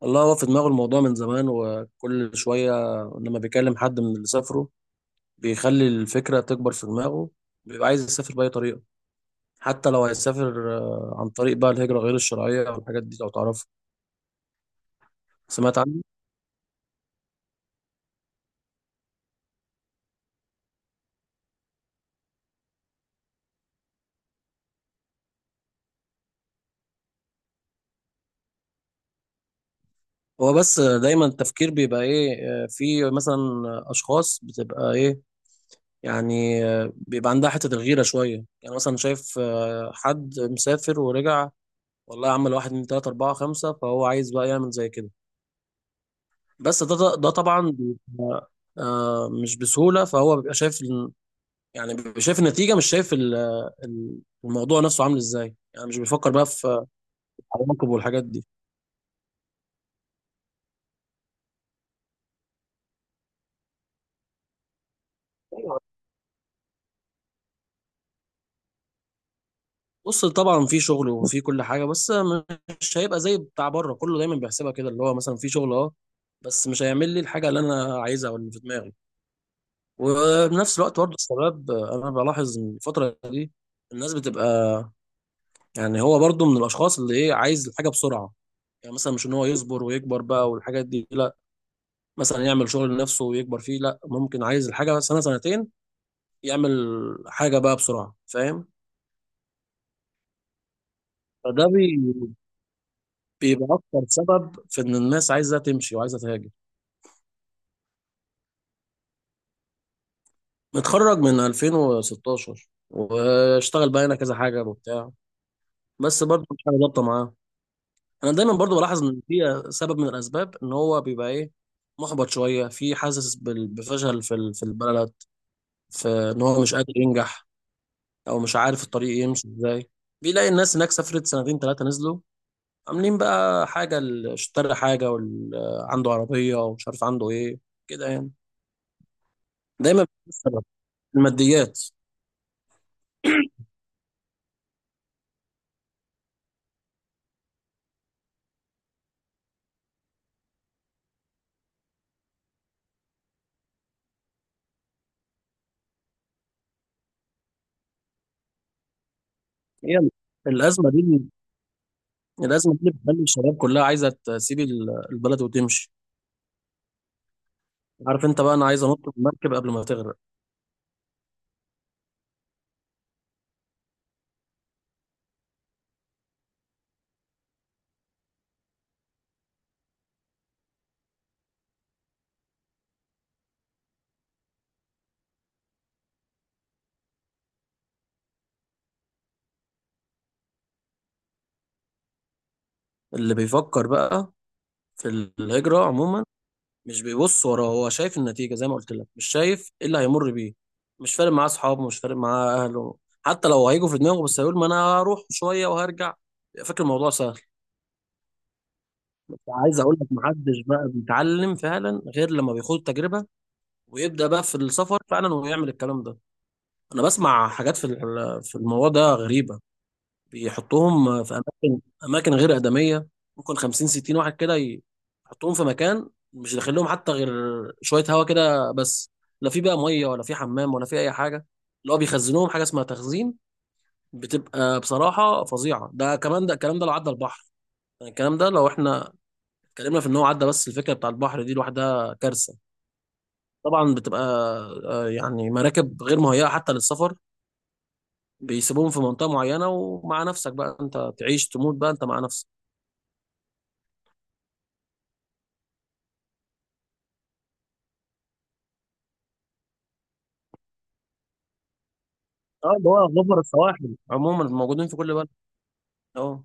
والله هو في دماغه الموضوع من زمان، وكل شوية لما بيكلم حد من اللي سافروا بيخلي الفكرة تكبر في دماغه. بيبقى عايز يسافر بأي طريقة، حتى لو هيسافر عن طريق بقى الهجرة غير الشرعية أو الحاجات دي لو تعرفها. سمعت عنه. هو بس دايما التفكير بيبقى إيه، في مثلا أشخاص بتبقى إيه، يعني بيبقى عندها حتة الغيرة شوية، يعني مثلا شايف حد مسافر ورجع والله يا عم الواحد من تلاتة أربعة خمسة، فهو عايز بقى يعمل زي كده. بس ده طبعا بيبقى مش بسهولة، فهو بيبقى شايف يعني بيبقى شايف النتيجة، مش شايف ال- الموضوع نفسه عامل ازاي، يعني مش بيفكر بقى في عواقب والحاجات دي. بص، طبعا في شغل وفي كل حاجة، بس مش هيبقى زي بتاع بره. كله دايما بيحسبها كده، اللي هو مثلا في شغل اه، بس مش هيعمل لي الحاجة اللي انا عايزها او اللي في دماغي. وبنفس الوقت برضه الشباب، انا بلاحظ إن الفترة دي الناس بتبقى، يعني هو برضه من الاشخاص اللي ايه، عايز الحاجة بسرعة. يعني مثلا مش ان هو يصبر ويكبر بقى والحاجات دي، لا، مثلا يعمل شغل لنفسه ويكبر فيه، لا، ممكن عايز الحاجه سنه سنتين يعمل حاجه بقى بسرعه، فاهم؟ فده بي- بيبقى اكتر سبب في ان الناس عايزه تمشي وعايزه تهاجر. متخرج من 2016 واشتغل بقى هنا كذا حاجه وبتاع، بس برضه مش حاجه ظابطه معاه. انا دايما برضه بلاحظ ان في سبب من الاسباب ان هو بيبقى ايه، محبط شويه، في حاسس بفشل في في البلد، في ان هو مش قادر ينجح، او مش عارف الطريق يمشي ازاي. بيلاقي الناس هناك سافرت سنتين ثلاثه نزلوا عاملين بقى حاجه، اشترى حاجه عنده عربيه، ومش عارف عنده ايه كده يعني. دايما بيكون السبب الماديات. هي الازمه دي، الازمه دي اللي بتخلي الشباب كلها عايزه تسيب البلد وتمشي. عارف انت بقى، انا عايز انط من المركب قبل ما تغرق. اللي بيفكر بقى في الهجره عموما مش بيبص وراه، هو شايف النتيجة زي ما قلت لك، مش شايف ايه اللي هيمر بيه. مش فارق معاه اصحابه، مش فارق معاه اهله، حتى لو هيجوا في دماغه بس هيقول ما انا هروح شوية وهرجع، فاكر الموضوع سهل. عايز اقول لك، محدش بقى بيتعلم فعلا غير لما بيخوض تجربة ويبدأ بقى في السفر فعلا ويعمل الكلام ده. انا بسمع حاجات في في الموضوع ده غريبة. بيحطوهم في اماكن غير ادميه، ممكن 50 60 واحد كده يحطوهم في مكان مش داخل لهم حتى غير شويه هوا كده بس، لا في بقى ميه ولا في حمام ولا في اي حاجه. اللي هو بيخزنوهم حاجه اسمها تخزين، بتبقى بصراحه فظيعه. ده كمان ده الكلام ده لو عدى البحر، يعني الكلام ده لو احنا اتكلمنا في ان هو عدى، بس الفكره بتاع البحر دي لوحدها كارثه. طبعا بتبقى يعني مراكب غير مهيئه حتى للسفر، بيسيبوهم في منطقه معينه ومع نفسك بقى، انت تعيش تموت بقى، انت مع نفسك. اه، اللي هو غبر السواحل عموما موجودين في كل بلد، اه.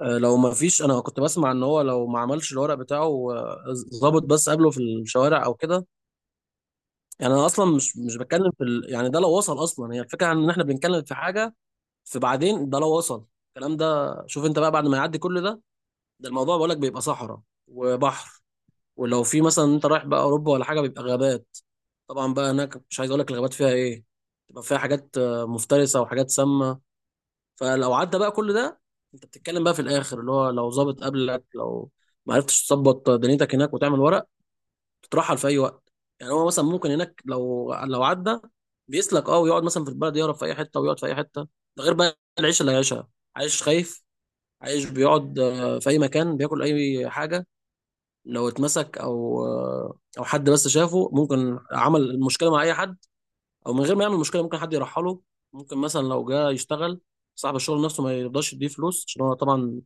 لو ما فيش، انا كنت بسمع ان هو لو ما عملش الورق بتاعه ظابط بس قبله في الشوارع او كده، يعني انا اصلا مش بتكلم في يعني ده لو وصل اصلا، هي الفكره ان احنا بنتكلم في حاجه في بعدين، ده لو وصل الكلام ده. شوف انت بقى، بعد ما يعدي كل ده، ده الموضوع بقولك بيبقى صحراء وبحر، ولو في مثلا انت رايح بقى اوروبا ولا حاجه بيبقى غابات، طبعا بقى هناك مش عايز اقولك الغابات فيها ايه، تبقى فيها حاجات مفترسه وحاجات سامه. فلو عدى بقى كل ده، انت بتتكلم بقى في الاخر اللي هو لو ظابط قبلك، لو ما عرفتش تظبط دنيتك هناك وتعمل ورق تترحل في اي وقت. يعني هو مثلا ممكن هناك لو عدى بيسلك اه، ويقعد مثلا في البلد يهرب في اي حته ويقعد في اي حته. ده غير بقى العيشه اللي عايشها، عايش خايف، عايش بيقعد في اي مكان بياكل اي حاجه. لو اتمسك او او حد بس شافه ممكن عمل المشكله مع اي حد، او من غير ما يعمل مشكله ممكن حد يرحله. ممكن مثلا لو جه يشتغل صاحب الشغل نفسه ما يرضاش يديه فلوس، عشان هو طبعا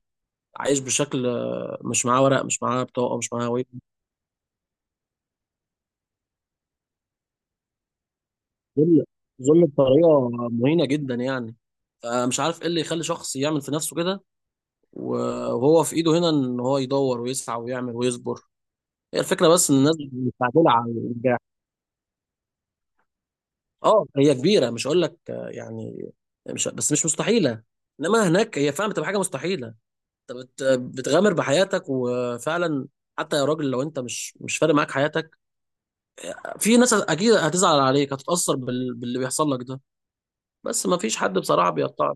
عايش بشكل مش معاه ورق، مش معاه بطاقه، مش معاه هويه. ذل، ذل بطريقه مهينه جدا يعني. فمش عارف ايه اللي يخلي شخص يعمل في نفسه كده، وهو في ايده هنا ان هو يدور ويسعى ويعمل ويصبر. هي الفكره بس ان الناس مستعجله على النجاح. اه هي كبيره، مش هقول لك يعني، مش بس مش مستحيله، انما هناك هي فعلا بتبقى حاجه مستحيله. انت بت- بتغامر بحياتك وفعلا، حتى يا راجل لو انت مش فارق معاك حياتك، في ناس اكيد هتزعل عليك، هتتأثر باللي بيحصل لك ده. بس ما فيش حد بصراحة بيقطعك.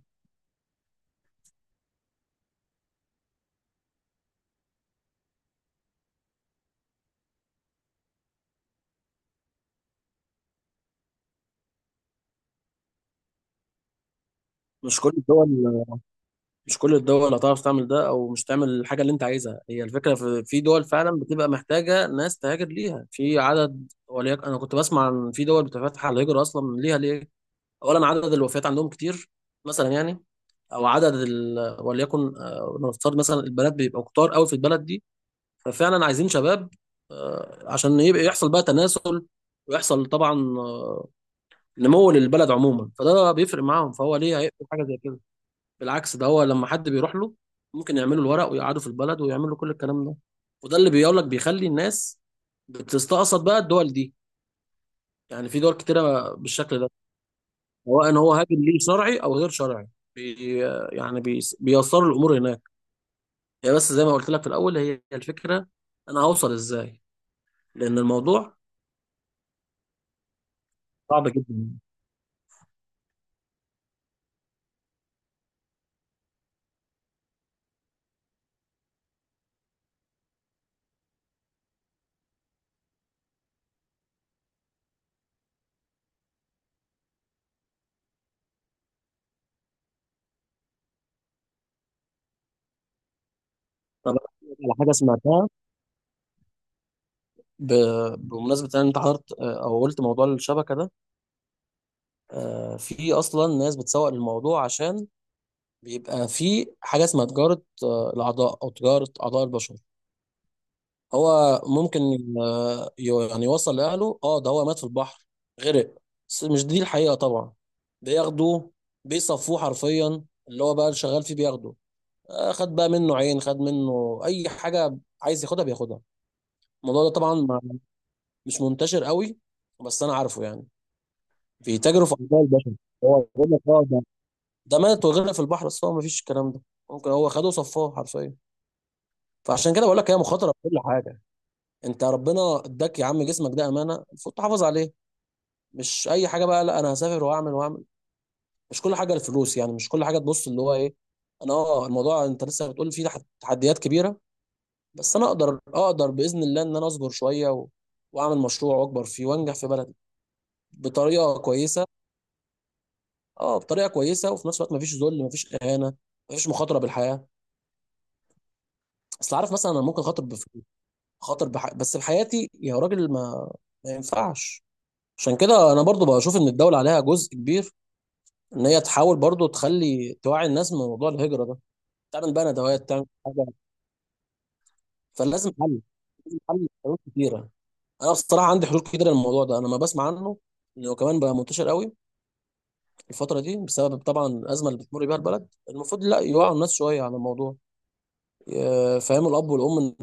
مش كل الدول، مش كل الدول هتعرف تعمل ده او مش تعمل الحاجة اللي انت عايزها. هي الفكرة في دول فعلا بتبقى محتاجة ناس تهاجر ليها في عدد، وليك، انا كنت بسمع عن في دول بتفتح على الهجرة اصلا ليها ليه. اولا عدد الوفيات عندهم كتير مثلا يعني، او عدد وليكن نفترض مثلا البنات بيبقوا كتار قوي في البلد دي، ففعلا عايزين شباب عشان يبقى يحصل بقى تناسل، ويحصل طبعا آه، نمو للبلد عموما، فده بيفرق معاهم، فهو ليه هيقبل حاجه زي كده؟ بالعكس، ده هو لما حد بيروح له ممكن يعملوا الورق ويقعدوا في البلد ويعملوا كل الكلام ده، وده اللي بيقول لك بيخلي الناس بتستقصد بقى الدول دي، يعني في دول كتيره بالشكل ده، سواء ان هو هاجم ليه شرعي او غير شرعي، بي يعني بيسروا الامور هناك. هي بس زي ما قلت لك في الاول، هي الفكره انا هوصل ازاي، لان الموضوع صعب جدا. طب أنا أحكي لك على حاجه سمعتها بمناسبه ان انت حضرت، او قلت موضوع الشبكه ده. في اصلا ناس بتسوق للموضوع، عشان بيبقى في حاجه اسمها تجاره الاعضاء، او تجاره اعضاء البشر. هو ممكن آه، يعني يوصل لاهله اه ده هو مات في البحر، غرق، بس مش دي الحقيقه طبعا. بياخدوه بيصفوه حرفيا، اللي هو بقى اللي شغال فيه بياخده خد بقى منه عين، خد منه اي حاجه عايز ياخدها بياخدها. الموضوع ده طبعا مش منتشر قوي، بس انا عارفه يعني بيتاجروا في اعضاء البشر. هو بيقول لك اه ده مات وغيرنا في البحر، بس هو مفيش الكلام ده، ممكن هو خده وصفاه حرفيا. فعشان كده بقول لك، هي مخاطره في كل حاجه. انت ربنا اداك يا عم، جسمك ده امانه المفروض تحافظ عليه، مش اي حاجه بقى لا انا هسافر واعمل واعمل. مش كل حاجه الفلوس يعني، مش كل حاجه تبص اللي هو ايه. انا اه الموضوع انت لسه بتقول فيه تحديات كبيره، بس انا اقدر باذن الله ان انا اصبر شويه واعمل مشروع واكبر فيه وانجح في بلدي بطريقه كويسه. اه بطريقه كويسه، وفي نفس الوقت مفيش ذل، مفيش اهانه، مفيش مخاطره بالحياه. اصل عارف مثلا انا ممكن خاطر بفلوس، بس بحياتي يا راجل، ما ينفعش. عشان كده انا برضو بشوف ان الدوله عليها جزء كبير ان هي تحاول برضو تخلي توعي الناس من موضوع الهجره ده، تعمل بقى ندوات، تعمل حاجه. فلازم حل، لازم حل، حلول كتيره. انا بصراحه عندي حلول كتيره للموضوع ده، انا ما بسمع عنه انه كمان بقى منتشر قوي الفتره دي بسبب طبعا الازمه اللي بتمر بيها البلد. المفروض لا يوعوا الناس شويه على الموضوع فاهم الاب والام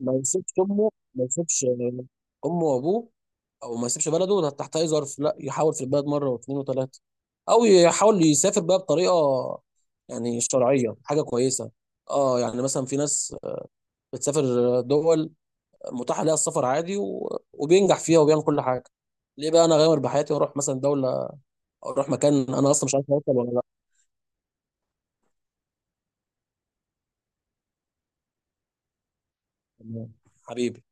ما يسيبش امه، ما يسيبش امه وابوه، او ما يسيبش بلده ده تحت اي ظرف، لا يحاول في البلد مره واثنين وثلاثه، او يحاول يسافر بقى بطريقه يعني شرعيه حاجه كويسه. اه يعني مثلا في ناس بتسافر دول متاح لها السفر عادي وبينجح فيها وبيعمل كل حاجه. ليه بقى انا غامر بحياتي واروح مثلا دوله او اروح مكان انا اصلا مش عارف اوصل ولا لا؟ يعني حبيبي